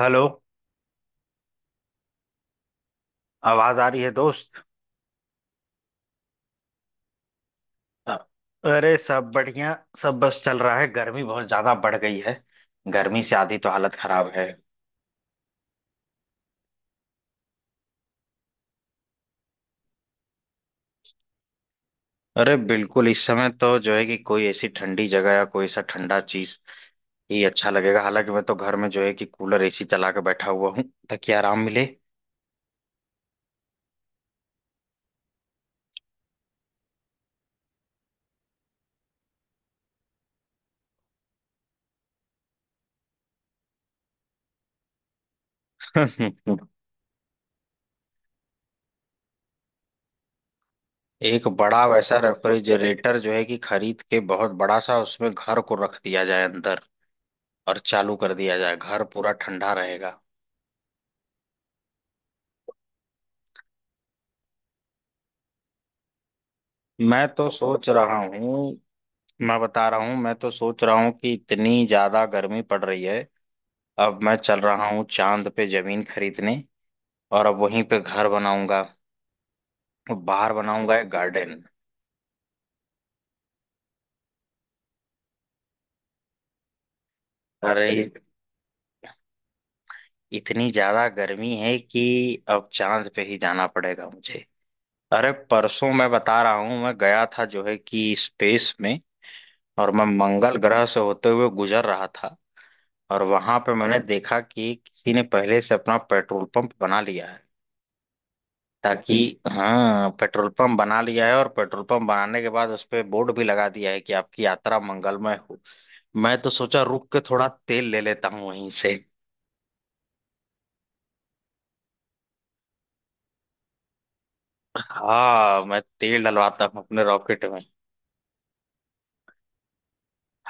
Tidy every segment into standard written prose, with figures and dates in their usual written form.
Hello. आवाज आ रही है दोस्त? अ- अरे सब बढ़िया। सब बस चल रहा है, गर्मी बहुत ज्यादा बढ़ गई है। गर्मी से आधी तो हालत खराब है। अरे बिल्कुल, इस समय तो जो है कि कोई ऐसी ठंडी जगह या कोई ऐसा ठंडा चीज ही अच्छा लगेगा। हालांकि मैं तो घर में जो है कि कूलर एसी चला के बैठा हुआ हूँ ताकि आराम मिले। एक बड़ा वैसा रेफ्रिजरेटर जो है कि खरीद के, बहुत बड़ा सा, उसमें घर को रख दिया जाए अंदर और चालू कर दिया जाए, घर पूरा ठंडा रहेगा। मैं तो सोच रहा हूँ। मैं बता रहा हूँ, मैं तो सोच रहा हूँ कि इतनी ज्यादा गर्मी पड़ रही है, अब मैं चल रहा हूँ चांद पे जमीन खरीदने और अब वहीं पे घर बनाऊंगा और बाहर बनाऊंगा एक गार्डन। अरे इतनी ज्यादा गर्मी है कि अब चांद पे ही जाना पड़ेगा मुझे। अरे परसों मैं बता रहा हूँ, मैं गया था जो है कि स्पेस में और मैं मंगल ग्रह से होते हुए गुजर रहा था और वहां पे मैंने देखा कि किसी ने पहले से अपना पेट्रोल पंप बना लिया है। ताकि, हाँ, पेट्रोल पंप बना लिया है और पेट्रोल पंप बनाने के बाद उस पे बोर्ड भी लगा दिया है कि आपकी यात्रा मंगलमय हो। मैं तो सोचा रुक के थोड़ा तेल ले लेता हूँ वहीं से। हाँ, मैं तेल डलवाता हूँ अपने रॉकेट में।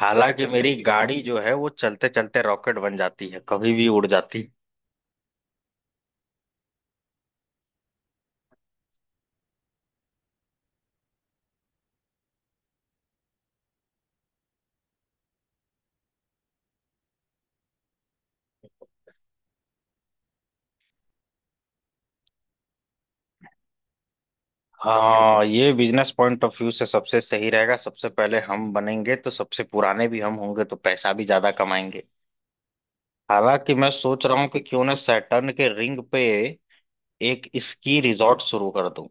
हालांकि मेरी गाड़ी जो है वो चलते चलते रॉकेट बन जाती है, कभी भी उड़ जाती है। हाँ, ये बिजनेस पॉइंट ऑफ व्यू से सबसे सही रहेगा। सबसे पहले हम बनेंगे तो सबसे पुराने भी हम होंगे तो पैसा भी ज्यादा कमाएंगे। हालांकि मैं सोच रहा हूँ कि क्यों ना सैटर्न के रिंग पे एक स्की रिजॉर्ट शुरू कर दूं।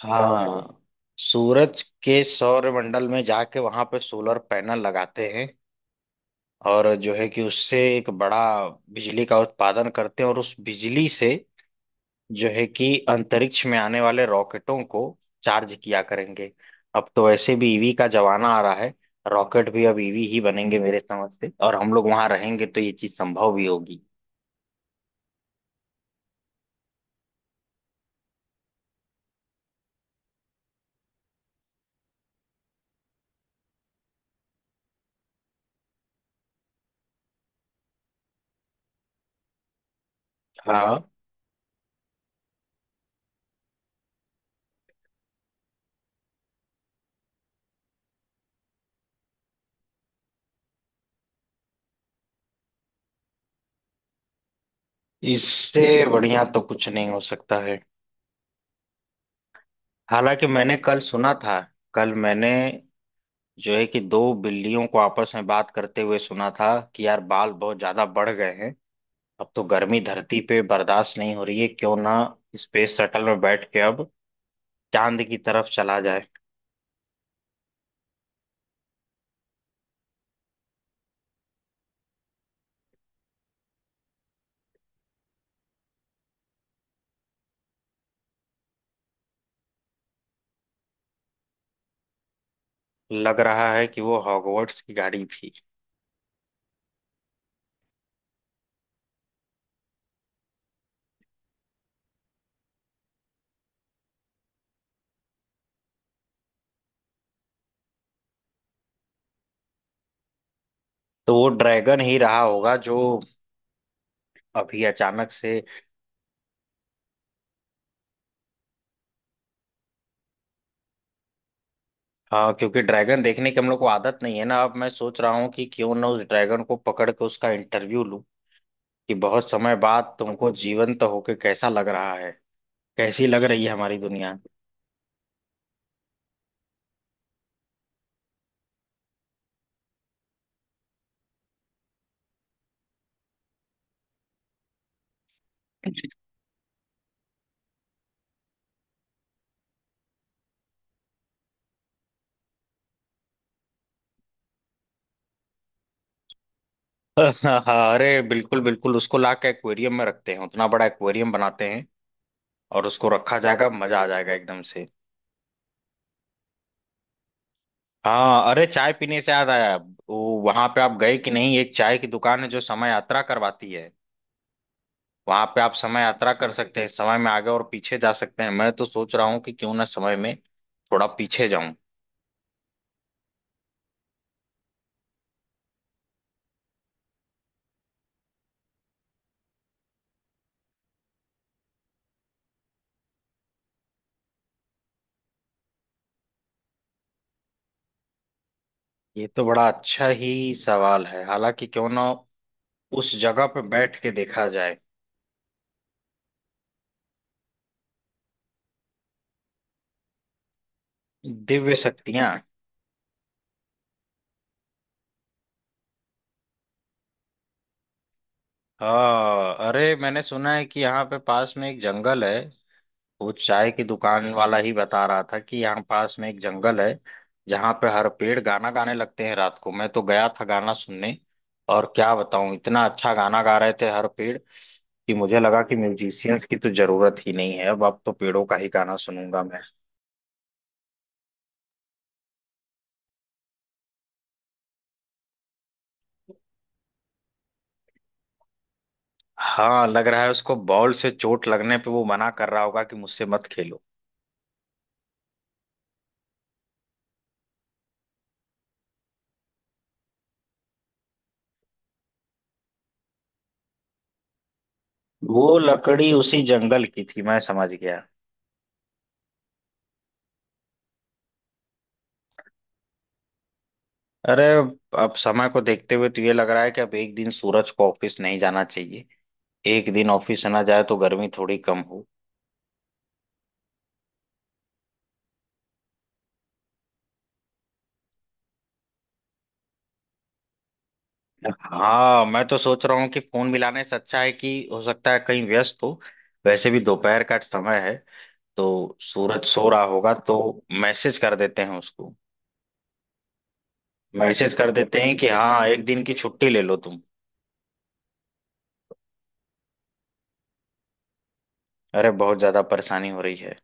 हाँ हाँ, सूरज के सौरमंडल में जाके वहां पे सोलर पैनल लगाते हैं और जो है कि उससे एक बड़ा बिजली का उत्पादन करते हैं और उस बिजली से जो है कि अंतरिक्ष में आने वाले रॉकेटों को चार्ज किया करेंगे। अब तो वैसे भी ईवी का जमाना आ रहा है। रॉकेट भी अब ईवी ही बनेंगे मेरे समझ से, और हम लोग वहां रहेंगे तो ये चीज संभव भी होगी। हाँ, इससे बढ़िया तो कुछ नहीं हो सकता है। हालांकि मैंने कल सुना था, कल मैंने जो है कि दो बिल्लियों को आपस में बात करते हुए सुना था कि यार बाल बहुत ज्यादा बढ़ गए हैं, अब तो गर्मी धरती पे बर्दाश्त नहीं हो रही है, क्यों ना स्पेस शटल में बैठ के अब चांद की तरफ चला जाए। लग रहा है कि वो हॉगवर्ट्स की गाड़ी थी। तो वो ड्रैगन ही रहा होगा जो अभी अचानक से। हाँ, क्योंकि ड्रैगन देखने की हम लोग को आदत नहीं है ना। अब मैं सोच रहा हूँ कि क्यों ना उस ड्रैगन को पकड़ के उसका इंटरव्यू लूं कि बहुत समय बाद तुमको जीवंत होके कैसा लग रहा है, कैसी लग रही है हमारी दुनिया। हाँ, अरे बिल्कुल बिल्कुल, उसको ला के एक्वेरियम में रखते हैं, उतना बड़ा एक्वेरियम बनाते हैं और उसको रखा जाएगा, मजा आ जाएगा एकदम से। हाँ, अरे चाय पीने से याद आया, वो वहां पे आप गए कि नहीं, एक चाय की दुकान है जो समय यात्रा करवाती है। वहां पे आप समय यात्रा कर सकते हैं, समय में आगे और पीछे जा सकते हैं। मैं तो सोच रहा हूँ कि क्यों ना समय में थोड़ा पीछे जाऊं। ये तो बड़ा अच्छा ही सवाल है। हालांकि क्यों ना उस जगह पर बैठ के देखा जाए। दिव्य शक्तियां। हाँ, अरे मैंने सुना है कि यहाँ पे पास में एक जंगल है। वो चाय की दुकान वाला ही बता रहा था कि यहाँ पास में एक जंगल है जहाँ पे हर पेड़ गाना गाने लगते हैं रात को। मैं तो गया था गाना सुनने, और क्या बताऊं, इतना अच्छा गाना गा रहे थे हर पेड़ कि मुझे लगा कि म्यूजिशियंस की तो जरूरत ही नहीं है अब तो पेड़ों का ही गाना सुनूंगा मैं। हाँ, लग रहा है उसको बॉल से चोट लगने पे वो मना कर रहा होगा कि मुझसे मत खेलो। वो लकड़ी उसी जंगल की थी, मैं समझ गया। अरे अब समय को देखते हुए तो ये लग रहा है कि अब एक दिन सूरज को ऑफिस नहीं जाना चाहिए। एक दिन ऑफिस ना जाए तो गर्मी थोड़ी कम हो। हाँ, मैं तो सोच रहा हूँ कि फोन मिलाने से अच्छा है कि, हो सकता है कहीं व्यस्त हो, वैसे भी दोपहर का समय है तो सूरज सो रहा होगा, तो मैसेज कर देते हैं उसको। मैसेज कर देते हैं कि हाँ एक दिन की छुट्टी ले लो तुम। अरे बहुत ज्यादा परेशानी हो रही है।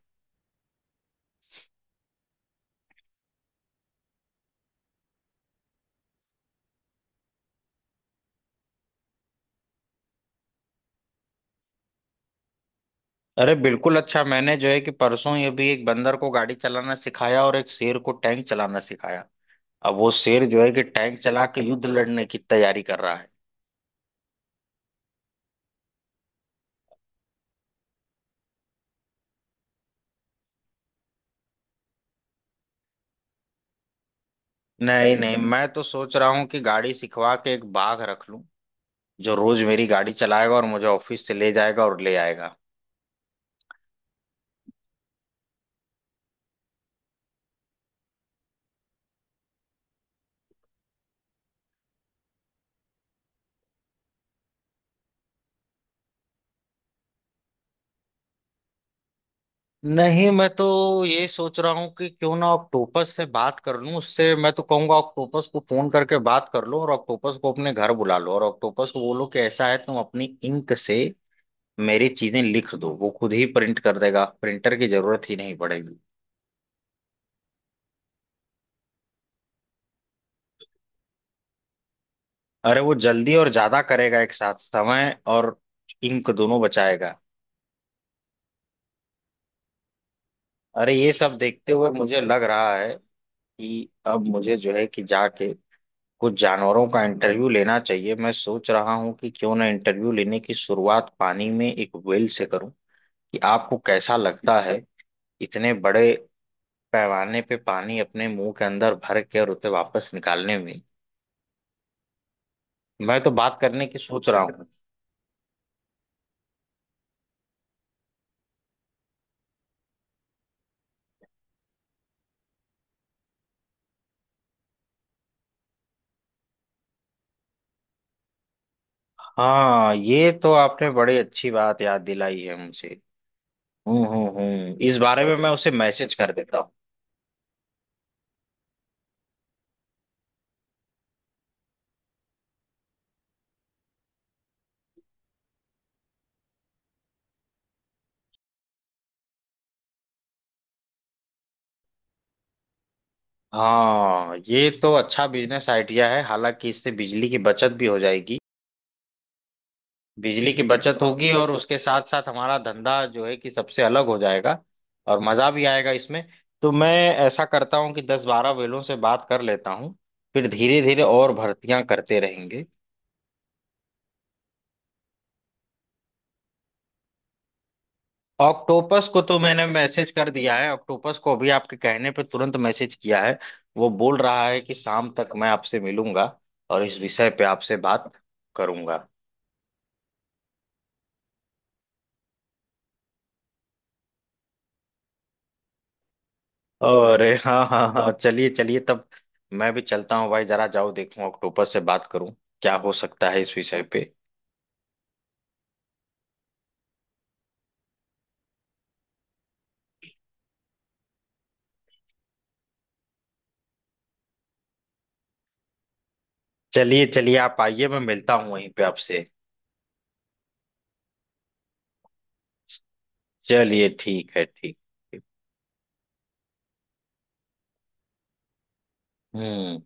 अरे बिल्कुल, अच्छा मैंने जो है कि परसों ये भी एक बंदर को गाड़ी चलाना सिखाया और एक शेर को टैंक चलाना सिखाया। अब वो शेर जो है कि टैंक चला के युद्ध लड़ने की तैयारी कर रहा है। नहीं नहीं, मैं तो सोच रहा हूँ कि गाड़ी सिखवा के एक बाघ रख लूं जो रोज मेरी गाड़ी चलाएगा और मुझे ऑफिस से ले जाएगा और ले आएगा। नहीं, मैं तो ये सोच रहा हूँ कि क्यों ना ऑक्टोपस से बात कर लूं। उससे मैं तो कहूंगा, ऑक्टोपस को फोन करके बात कर लो और ऑक्टोपस को अपने घर बुला लो और ऑक्टोपस को बोलो कि ऐसा है तुम अपनी इंक से मेरी चीजें लिख दो, वो खुद ही प्रिंट कर देगा, प्रिंटर की जरूरत ही नहीं पड़ेगी। अरे वो जल्दी और ज्यादा करेगा एक साथ, समय और इंक दोनों बचाएगा। अरे ये सब देखते हुए मुझे लग रहा है कि अब मुझे जो है कि जाके कुछ जानवरों का इंटरव्यू लेना चाहिए। मैं सोच रहा हूँ कि क्यों ना इंटरव्यू लेने की शुरुआत पानी में एक व्हेल से करूँ कि आपको कैसा लगता है इतने बड़े पैमाने पे पानी अपने मुंह के अंदर भर के और उसे वापस निकालने में। मैं तो बात करने की सोच रहा हूँ। हाँ, ये तो आपने बड़ी अच्छी बात याद दिलाई है मुझे। हम्म, इस बारे में मैं उसे मैसेज कर देता हूँ। हाँ, ये तो अच्छा बिजनेस आइडिया है। हालांकि इससे बिजली की बचत भी हो जाएगी। बिजली की बचत होगी और उसके साथ साथ हमारा धंधा जो है कि सबसे अलग हो जाएगा, और मजा भी आएगा इसमें। तो मैं ऐसा करता हूँ कि 10-12 वेलों से बात कर लेता हूँ, फिर धीरे धीरे और भर्तियां करते रहेंगे। ऑक्टोपस को तो मैंने मैसेज कर दिया है, ऑक्टोपस को अभी आपके कहने पे तुरंत मैसेज किया है। वो बोल रहा है कि शाम तक मैं आपसे मिलूंगा और इस विषय पे आपसे बात करूंगा। अरे हाँ हाँ हाँ, चलिए चलिए तब, मैं भी चलता हूँ भाई, जरा जाओ देखूं ऑक्टोपस से बात करूं क्या हो सकता है इस विषय पे। चलिए चलिए, आप आइए, मैं मिलता हूँ वहीं पे आपसे। चलिए ठीक है, ठीक। हम्म।